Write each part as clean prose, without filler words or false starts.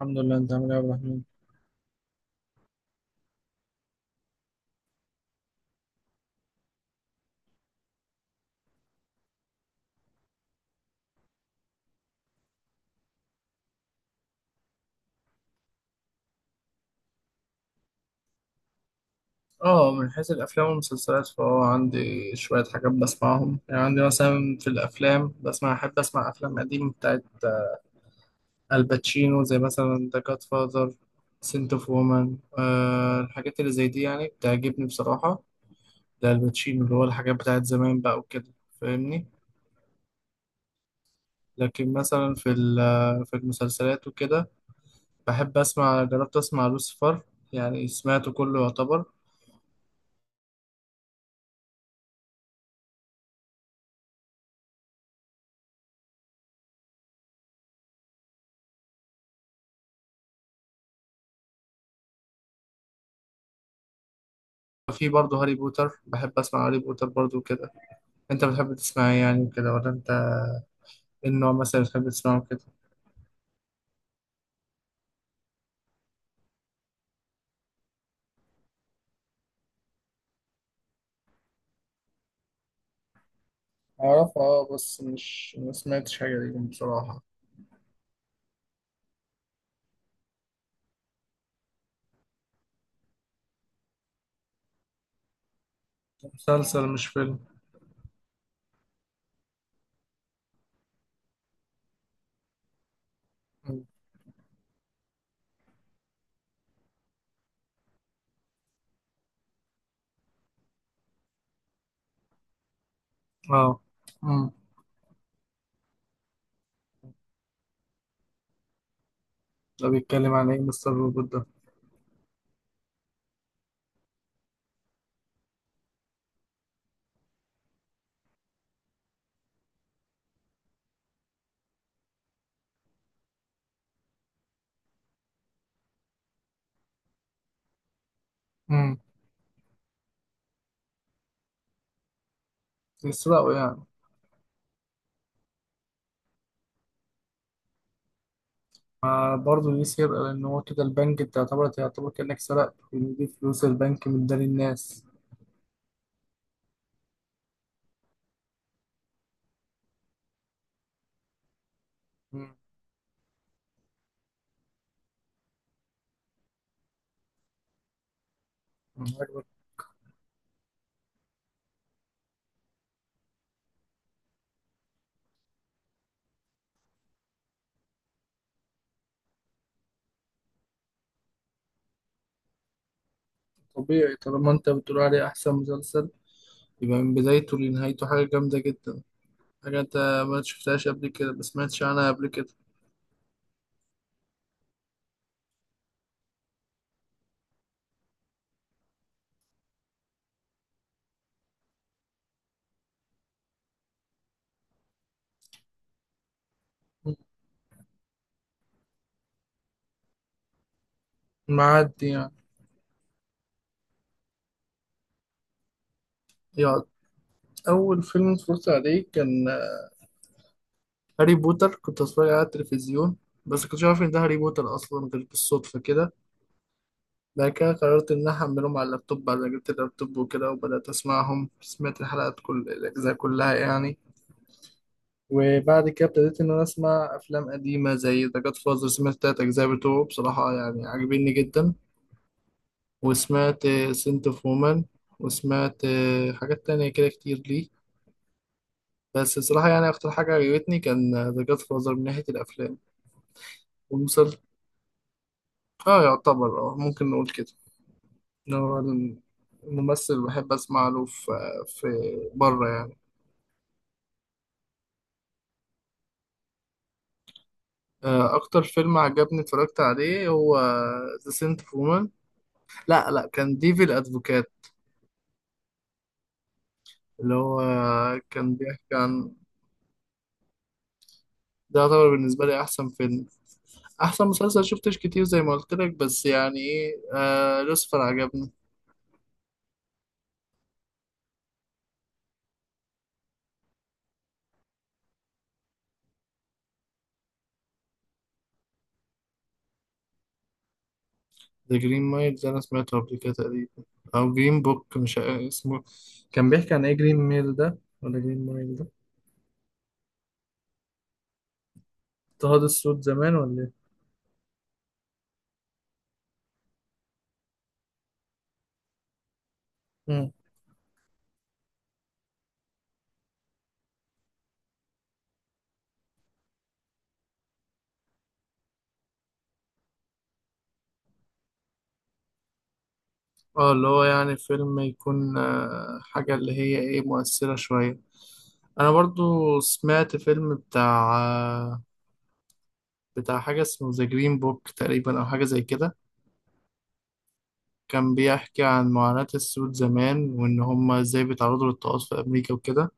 الحمد لله. انت عامل ايه يا عبد الرحمن؟ اه، من حيث الافلام والمسلسلات فهو عندي شويه حاجات بسمعهم. يعني عندي مثلا في الافلام احب اسمع افلام قديمه بتاعت الباتشينو، زي مثلا ذا جاد فاذر، سنت اوف وومن. الحاجات اللي زي دي يعني بتعجبني بصراحه. ده الباتشينو، اللي هو الحاجات بتاعت زمان بقى وكده، فاهمني؟ لكن مثلا في المسلسلات وكده بحب اسمع، جربت اسمع لوسيفر، يعني سمعته كله يعتبر. في برضه هاري بوتر، بحب اسمع هاري بوتر برضه كده. انت بتحب تسمع ايه يعني كده، ولا انت ايه النوع مثلا بتحب تسمعه كده؟ أعرف، أه، بس مش ما سمعتش حاجة ليهم بصراحة. مسلسل مش فيلم. مم. اه. امم. ده بيتكلم عن ايه مستر روبوت ده؟ امم. بيسرقوا يعني؟ ما برضه دي سرقة، لأن هو كده البنك أنت يعتبر كأنك سرقت، لأن دي فلوس البنك من دار الناس. مم. مم، عجبك؟ طبيعي، طالما أنت بتقول عليه أحسن مسلسل يبقى من بدايته لنهايته حاجة جامدة جدا. حاجة أنت ما شفتهاش قبل كده، ما سمعتش عنها قبل كده. معدي يعني. يا أول فيلم اتفرجت عليه كان هاري بوتر، كنت اتفرج عليه على التلفزيون، بس كنتش عارف ان ده هاري بوتر اصلا، غير بالصدفه كده. بعد كده قررت ان انا احملهم على اللابتوب، بعد ما جبت اللابتوب وكده، وبدات اسمعهم، سمعت الحلقات كل الاجزاء كلها يعني. وبعد كده ابتديت ان انا اسمع افلام قديمه، زي ذا جاد فازر، سمعت التلات اجزاء بتوعه، بصراحه يعني عاجبيني جدا. وسمعت سنت اوف وومن، وسمعت حاجات تانية كده كتير ليه. بس بصراحة يعني أكتر حاجة عجبتني كان ذا جاد فازر من ناحية الأفلام. والمسلسل، يعتبر، ممكن نقول كده، إن هو الممثل اللي بحب أسمع له في بره يعني. أكتر فيلم عجبني اتفرجت عليه هو ذا سنت اوف وومن. لا، لا، كان ديفل أدفوكات، اللي هو كان بيحكي عن، ده يعتبر بالنسبة لي أحسن فيلم. أحسن مسلسل شفتش كتير زي ما قلت لك، بس يعني إيه، لوسيفر عجبني. ذا جرين مايل ده انا سمعته قبل كده تقريبا، او جرين بوك، مش اسمه. كان بيحكي عن ايه، جرين ميل ده ولا جرين مايل ده؟ اضطهاد السود زمان ولا ايه؟ مم. اه، اللي هو يعني فيلم يكون حاجة اللي هي ايه، مؤثرة شوية. انا برضو سمعت فيلم بتاع حاجة اسمه ذا جرين بوك تقريبا، او حاجة زي كده. كان بيحكي عن معاناة السود زمان، وان هما ازاي بيتعرضوا للطقوس في امريكا وكده.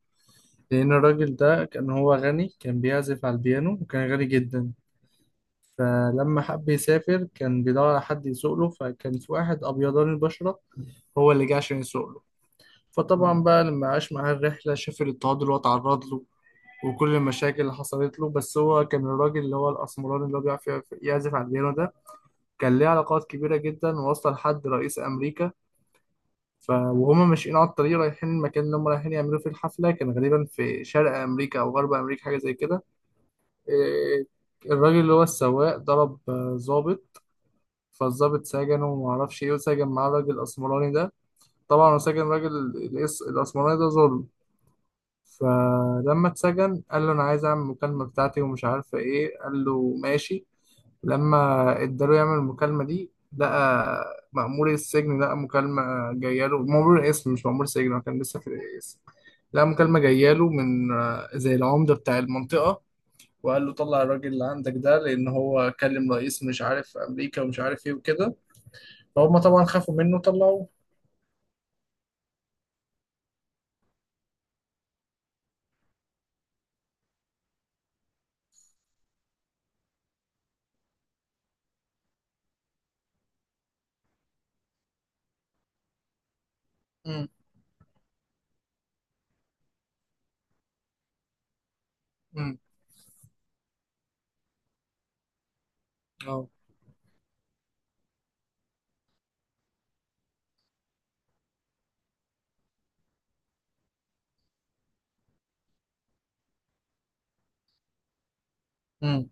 لأن الراجل ده كان هو غني، كان بيعزف على البيانو، وكان غني جدا. فلما حب يسافر كان بيدور على حد يسوق له، فكان في واحد أبيضان البشرة هو اللي جه عشان يسوق له. فطبعا بقى لما عاش معاه الرحلة شاف الاضطهاد اللي هو اتعرض له، وكل المشاكل اللي حصلت له. بس هو كان الراجل اللي هو الأسمراني اللي هو بيعرف يعزف على البيانو ده، كان ليه علاقات كبيرة جدا، ووصل لحد رئيس أمريكا. وهما ماشيين على الطريق رايحين المكان اللي هما رايحين يعملوا فيه الحفلة، كان غالبا في شرق أمريكا أو غرب أمريكا، حاجة زي كده. إيه، الراجل اللي هو السواق ضرب ظابط. فالظابط سجنه وما اعرفش ايه، وسجن معاه الراجل الاسمراني ده. طبعا هو سجن الراجل الاسمراني ده ظلم. فلما اتسجن قال له انا عايز اعمل المكالمه بتاعتي ومش عارفه ايه، قال له ماشي. لما اداله يعمل المكالمه دي، لقى مأمور السجن، لقى مكالمة جاية له، مأمور القسم مش مأمور سجن، هو كان لسه في القسم. لقى مكالمة جاية له من زي العمدة بتاع المنطقة، وقال له طلع الراجل اللي عندك ده، لان هو كلم رئيس مش عارف امريكا ومش عارف ايه وكده. فهم طبعا خافوا منه طلعوه. امم، امم. اه. امم،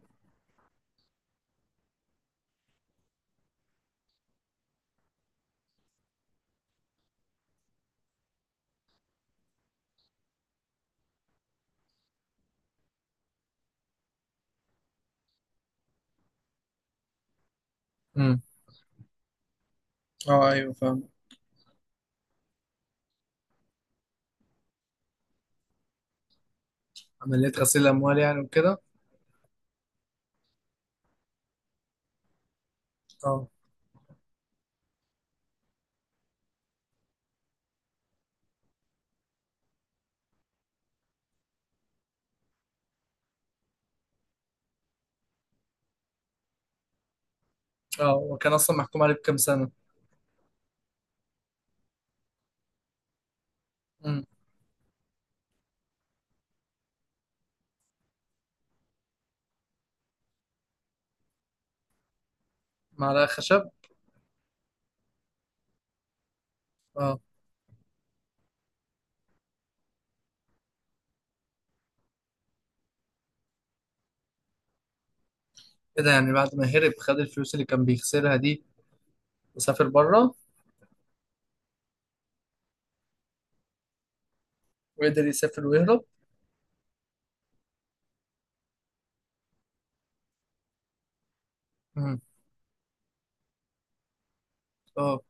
امم. اه، ايوه، فاهم. عمليه غسيل الاموال يعني وكده. اه، اه، وكان اصلا محكوم عليه بكام سنه؟ امم. معلقه خشب. اه، ايه ده، يعني بعد ما هرب خد الفلوس اللي كان بيخسرها دي؟ وسافر بره؟ وقدر يسافر ويهرب؟ امم. اه.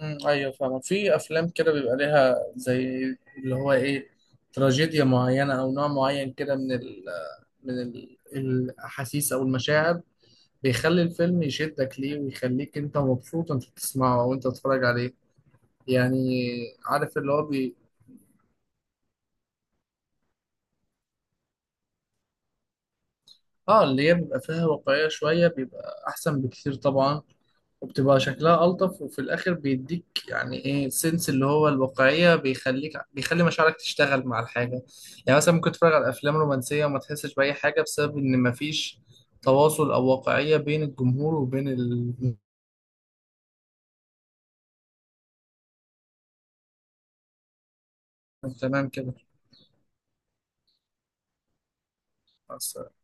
مم، ايوه، فاهم. في افلام كده بيبقى ليها زي، اللي هو ايه، تراجيديا معينه او نوع معين كده من الاحاسيس او المشاعر، بيخلي الفيلم يشدك ليه، ويخليك انت مبسوط وانت بتسمعه او انت بتتفرج عليه. يعني عارف اللي هو بي. اه، اللي هي بيبقى فيها واقعيه شويه بيبقى احسن بكتير طبعا. وبتبقى شكلها ألطف، وفي الآخر بيديك يعني إيه سنس، اللي هو الواقعية بيخليك، بيخلي مشاعرك تشتغل مع الحاجة. يعني مثلا ممكن تتفرج على أفلام رومانسية وما تحسش بأي حاجة، بسبب إن مفيش تواصل أو واقعية بين الجمهور وبين ال. تمام كده. مع السلامة.